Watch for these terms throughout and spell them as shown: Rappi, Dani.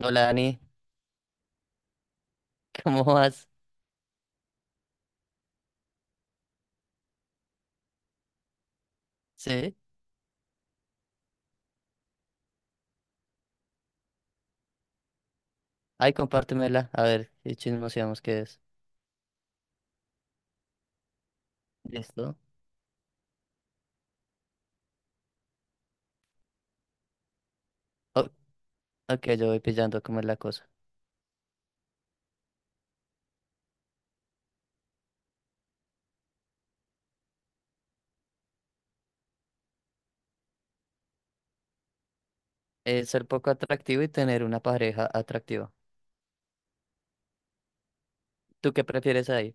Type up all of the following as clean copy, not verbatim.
Hola Dani, ¿cómo vas? Sí, ay, compártemela, a ver, y chismoseamos qué es. ¿Listo? O- ok, yo voy pillando cómo es la cosa. Ser poco atractivo y tener una pareja atractiva. ¿Tú qué prefieres ahí?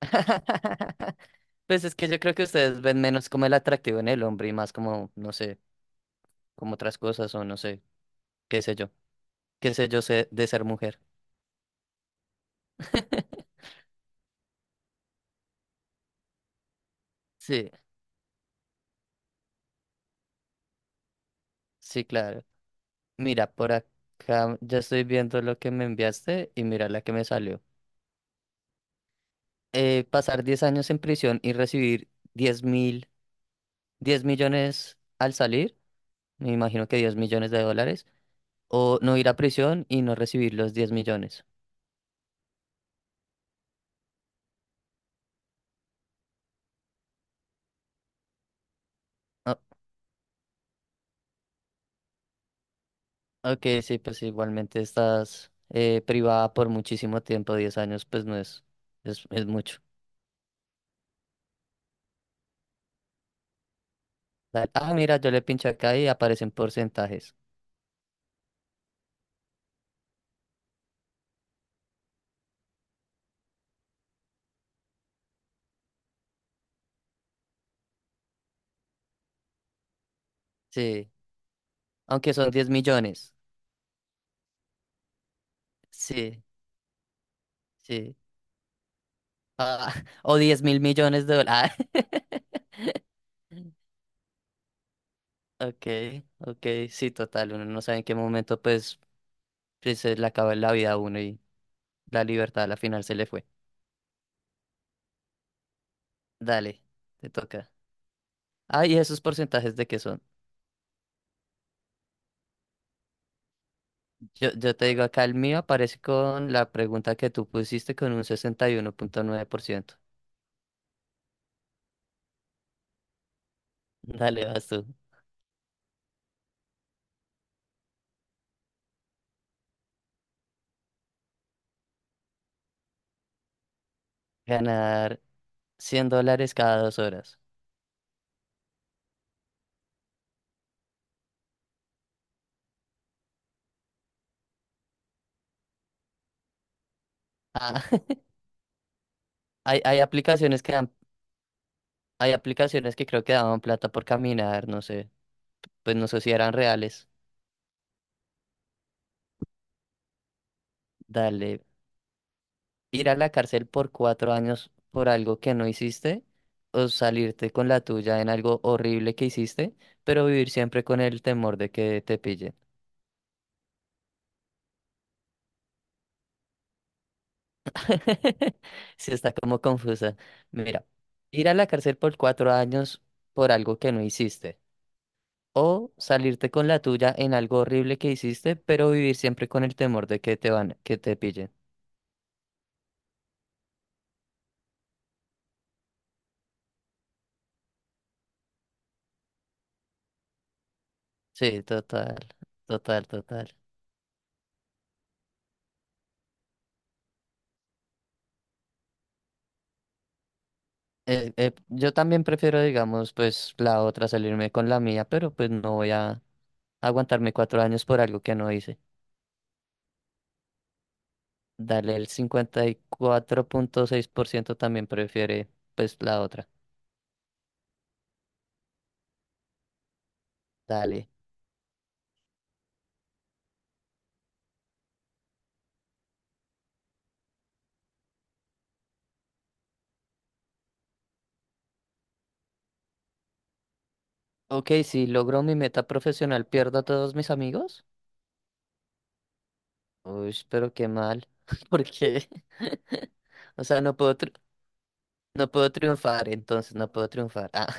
Pues es que yo creo que ustedes ven menos como el atractivo en el hombre y más como, no sé, como otras cosas o no sé, qué sé yo, qué sé yo sé de ser mujer. Sí, sí, claro. Mira, por acá ya estoy viendo lo que me enviaste y mira la que me salió. Pasar 10 años en prisión y recibir 10 mil, 10 millones al salir, me imagino que 10 millones de dólares, o no ir a prisión y no recibir los 10 millones. Ah, ok, sí, pues igualmente estás privada por muchísimo tiempo, 10 años, pues no es, es mucho. Dale. Ah, mira, yo le pincho acá y aparecen porcentajes. Sí, aunque son 10 millones. Sí, sí. Ah, o 10 mil millones de dólares. Ok, ok, sí, total, uno no sabe en qué momento pues se le acaba la vida a uno y la libertad a la final se le fue. Dale, te toca. Ah, ¿y esos porcentajes de qué son? Yo te digo, acá el mío aparece con la pregunta que tú pusiste con un 61,9%. Dale, vas tú. Ganar 100 dólares cada 2 horas. Ah, hay, hay aplicaciones que dan, hay aplicaciones que creo que daban plata por caminar, no sé, pues no sé si eran reales. Dale, ir a la cárcel por 4 años por algo que no hiciste o salirte con la tuya en algo horrible que hiciste, pero vivir siempre con el temor de que te pillen. Sí, está como confusa. Mira, ir a la cárcel por cuatro años por algo que no hiciste o salirte con la tuya en algo horrible que hiciste, pero vivir siempre con el temor de que te pillen. Sí, total, total, total. Yo también prefiero, digamos, pues la otra, salirme con la mía, pero pues no voy a aguantarme 4 años por algo que no hice. Dale, el 54,6% también prefiere, pues, la otra. Dale. Ok, si logro mi meta profesional, ¿pierdo a todos mis amigos? Uy, pero qué mal. ¿Por qué? O sea, no puedo triunfar, entonces no puedo triunfar. Ah,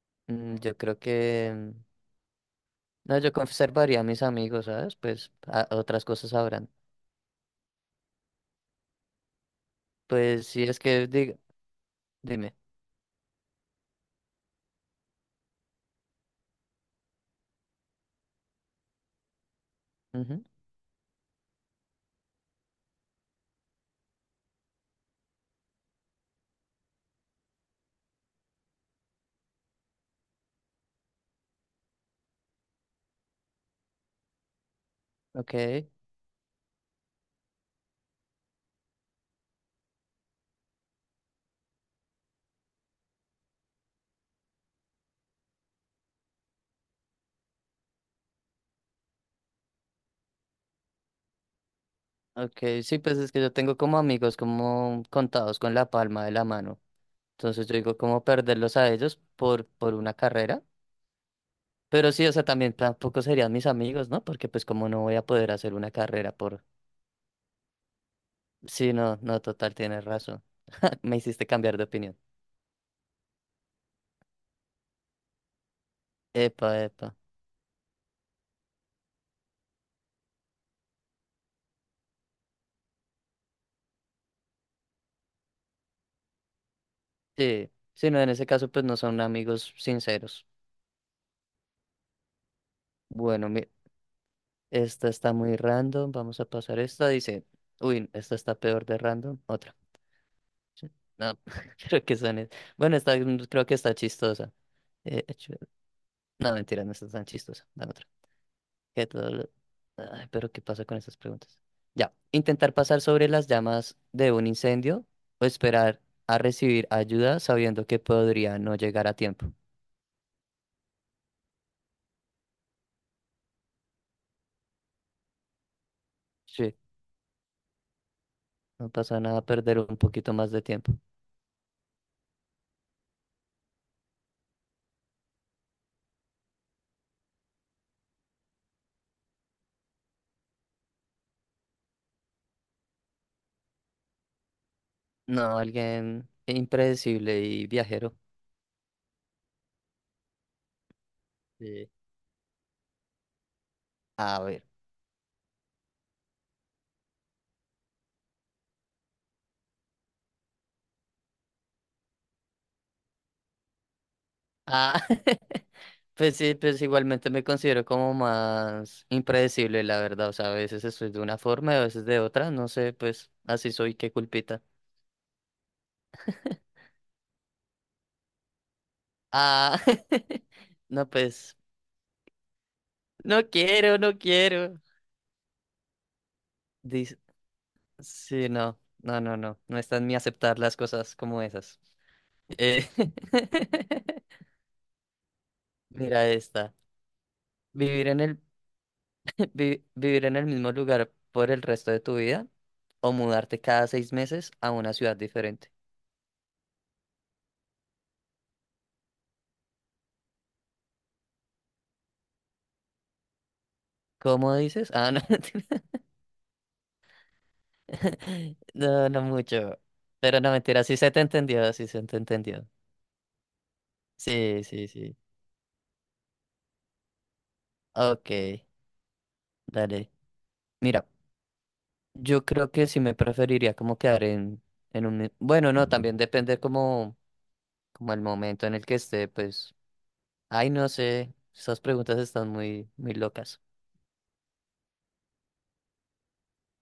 yo creo que... No, yo conservaría a mis amigos, ¿sabes? Pues otras cosas habrán. Pues sí, es que diga, dime. Ujú. Ok, ok, sí, pues es que yo tengo como amigos como contados con la palma de la mano. Entonces yo digo como perderlos a ellos por una carrera. Pero sí, o sea, también tampoco serían mis amigos, ¿no? Porque pues como no voy a poder hacer una carrera por... Sí, no, no, total, tienes razón. Me hiciste cambiar de opinión. Epa, epa. Sí, sí, no, en ese caso pues no son amigos sinceros. Bueno, esta está muy random. Vamos a pasar esta. Dice, uy, esta está peor de random. Otra. Sí, no, creo que son. Bueno, esta creo que está chistosa. Eh, hecho- no, mentira, no está tan chistosa. Dame otra. Que todo lo- Ay, pero ¿qué pasa con estas preguntas? Ya. Intentar pasar sobre las llamas de un incendio o esperar a recibir ayuda sabiendo que podría no llegar a tiempo. Sí, no pasa nada perder un poquito más de tiempo. No, alguien impredecible y viajero. Sí. A ver. Ah, pues sí, pues igualmente me considero como más impredecible, la verdad. O sea, a veces estoy de una forma y a veces de otra. No sé, pues así soy, qué culpita. Ah, no, pues no quiero, no quiero. Dice, sí, no, no, no, no. No está en mí aceptar las cosas como esas. Eh, Mira esta. Vivir en el, vivir en el mismo lugar por el resto de tu vida o mudarte cada 6 meses a una ciudad diferente. ¿Cómo dices? Ah, no, no, no mucho. Pero no, mentira, sí se te entendió, sí se te entendió. Sí, sí, sí. Ok, dale. Mira, yo creo que sí me preferiría como quedar en un... Bueno, no, también depende como el momento en el que esté, pues... Ay, no sé, esas preguntas están muy, muy locas.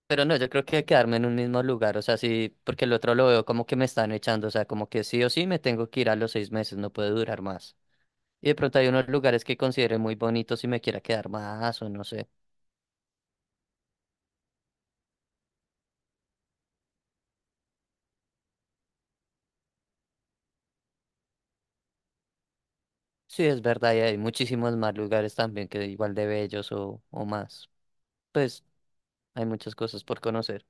Pero no, yo creo que quedarme en un mismo lugar, o sea, sí, porque el otro lo veo como que me están echando, o sea, como que sí o sí me tengo que ir a los 6 meses, no puede durar más. Y de pronto hay unos lugares que considere muy bonitos y me quiera quedar más o no sé. Sí, es verdad, y hay muchísimos más lugares también que igual de bellos o más. Pues hay muchas cosas por conocer.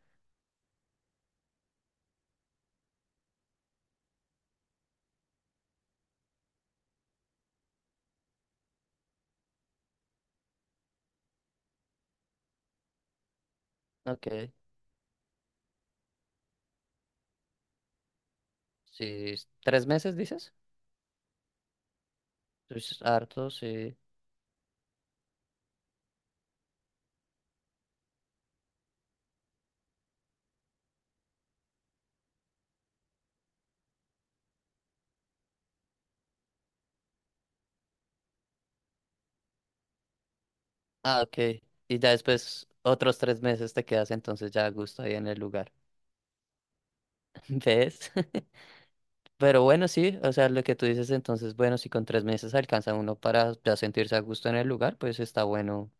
Ok, sí, 3 meses dices. Es harto, sí. Ah, ok. Y ya después otros 3 meses te quedas entonces ya a gusto ahí en el lugar. ¿Ves? Pero bueno, sí, o sea, lo que tú dices entonces, bueno, si con 3 meses alcanza uno para ya sentirse a gusto en el lugar, pues está bueno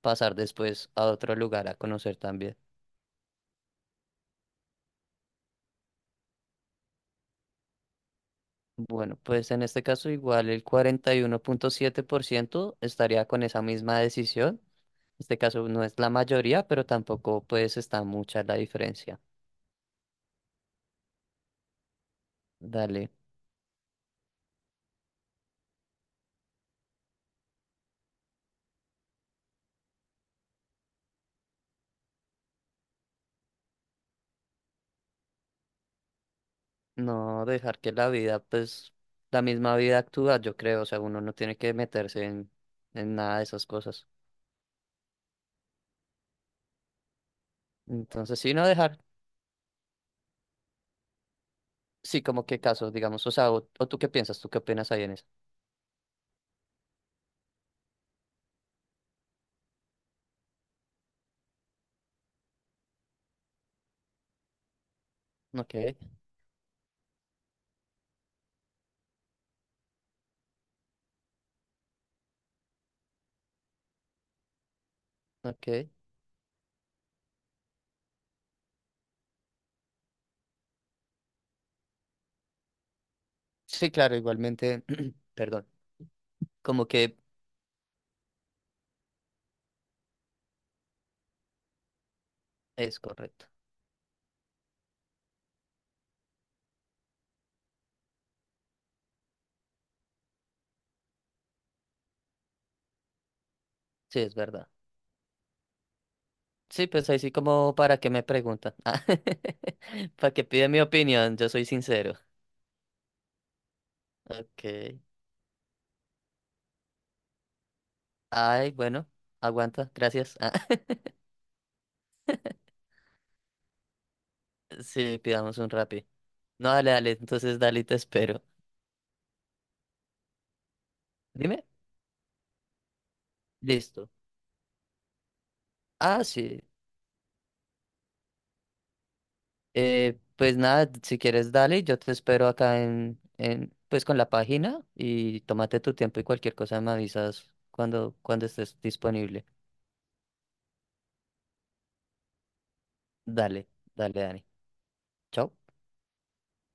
pasar después a otro lugar a conocer también. Bueno, pues en este caso igual el 41,7% estaría con esa misma decisión. En este caso no es la mayoría, pero tampoco pues está mucha la diferencia. Dale, no dejar que la vida, pues la misma vida actúa, yo creo, o sea, uno no tiene que meterse en nada de esas cosas. Entonces, sí, no dejar, sí, como qué casos, digamos, o sea, o tú qué piensas, tú qué opinas ahí en eso. Ok, ok. Sí, claro, igualmente, perdón. Como que es correcto. Sí, es verdad. Sí, pues ahí sí como para qué me preguntan. Para que pide mi opinión, yo soy sincero. Ok. Ay, bueno, aguanta, gracias. Ah, Sí, pidamos un Rappi. No, dale, dale, entonces dale y te espero. Dime. Listo. Ah, sí. Pues nada, si quieres dale, yo te espero acá en, pues con la página y tómate tu tiempo y cualquier cosa me avisas cuando estés disponible. Dale, dale, Dani. Chao.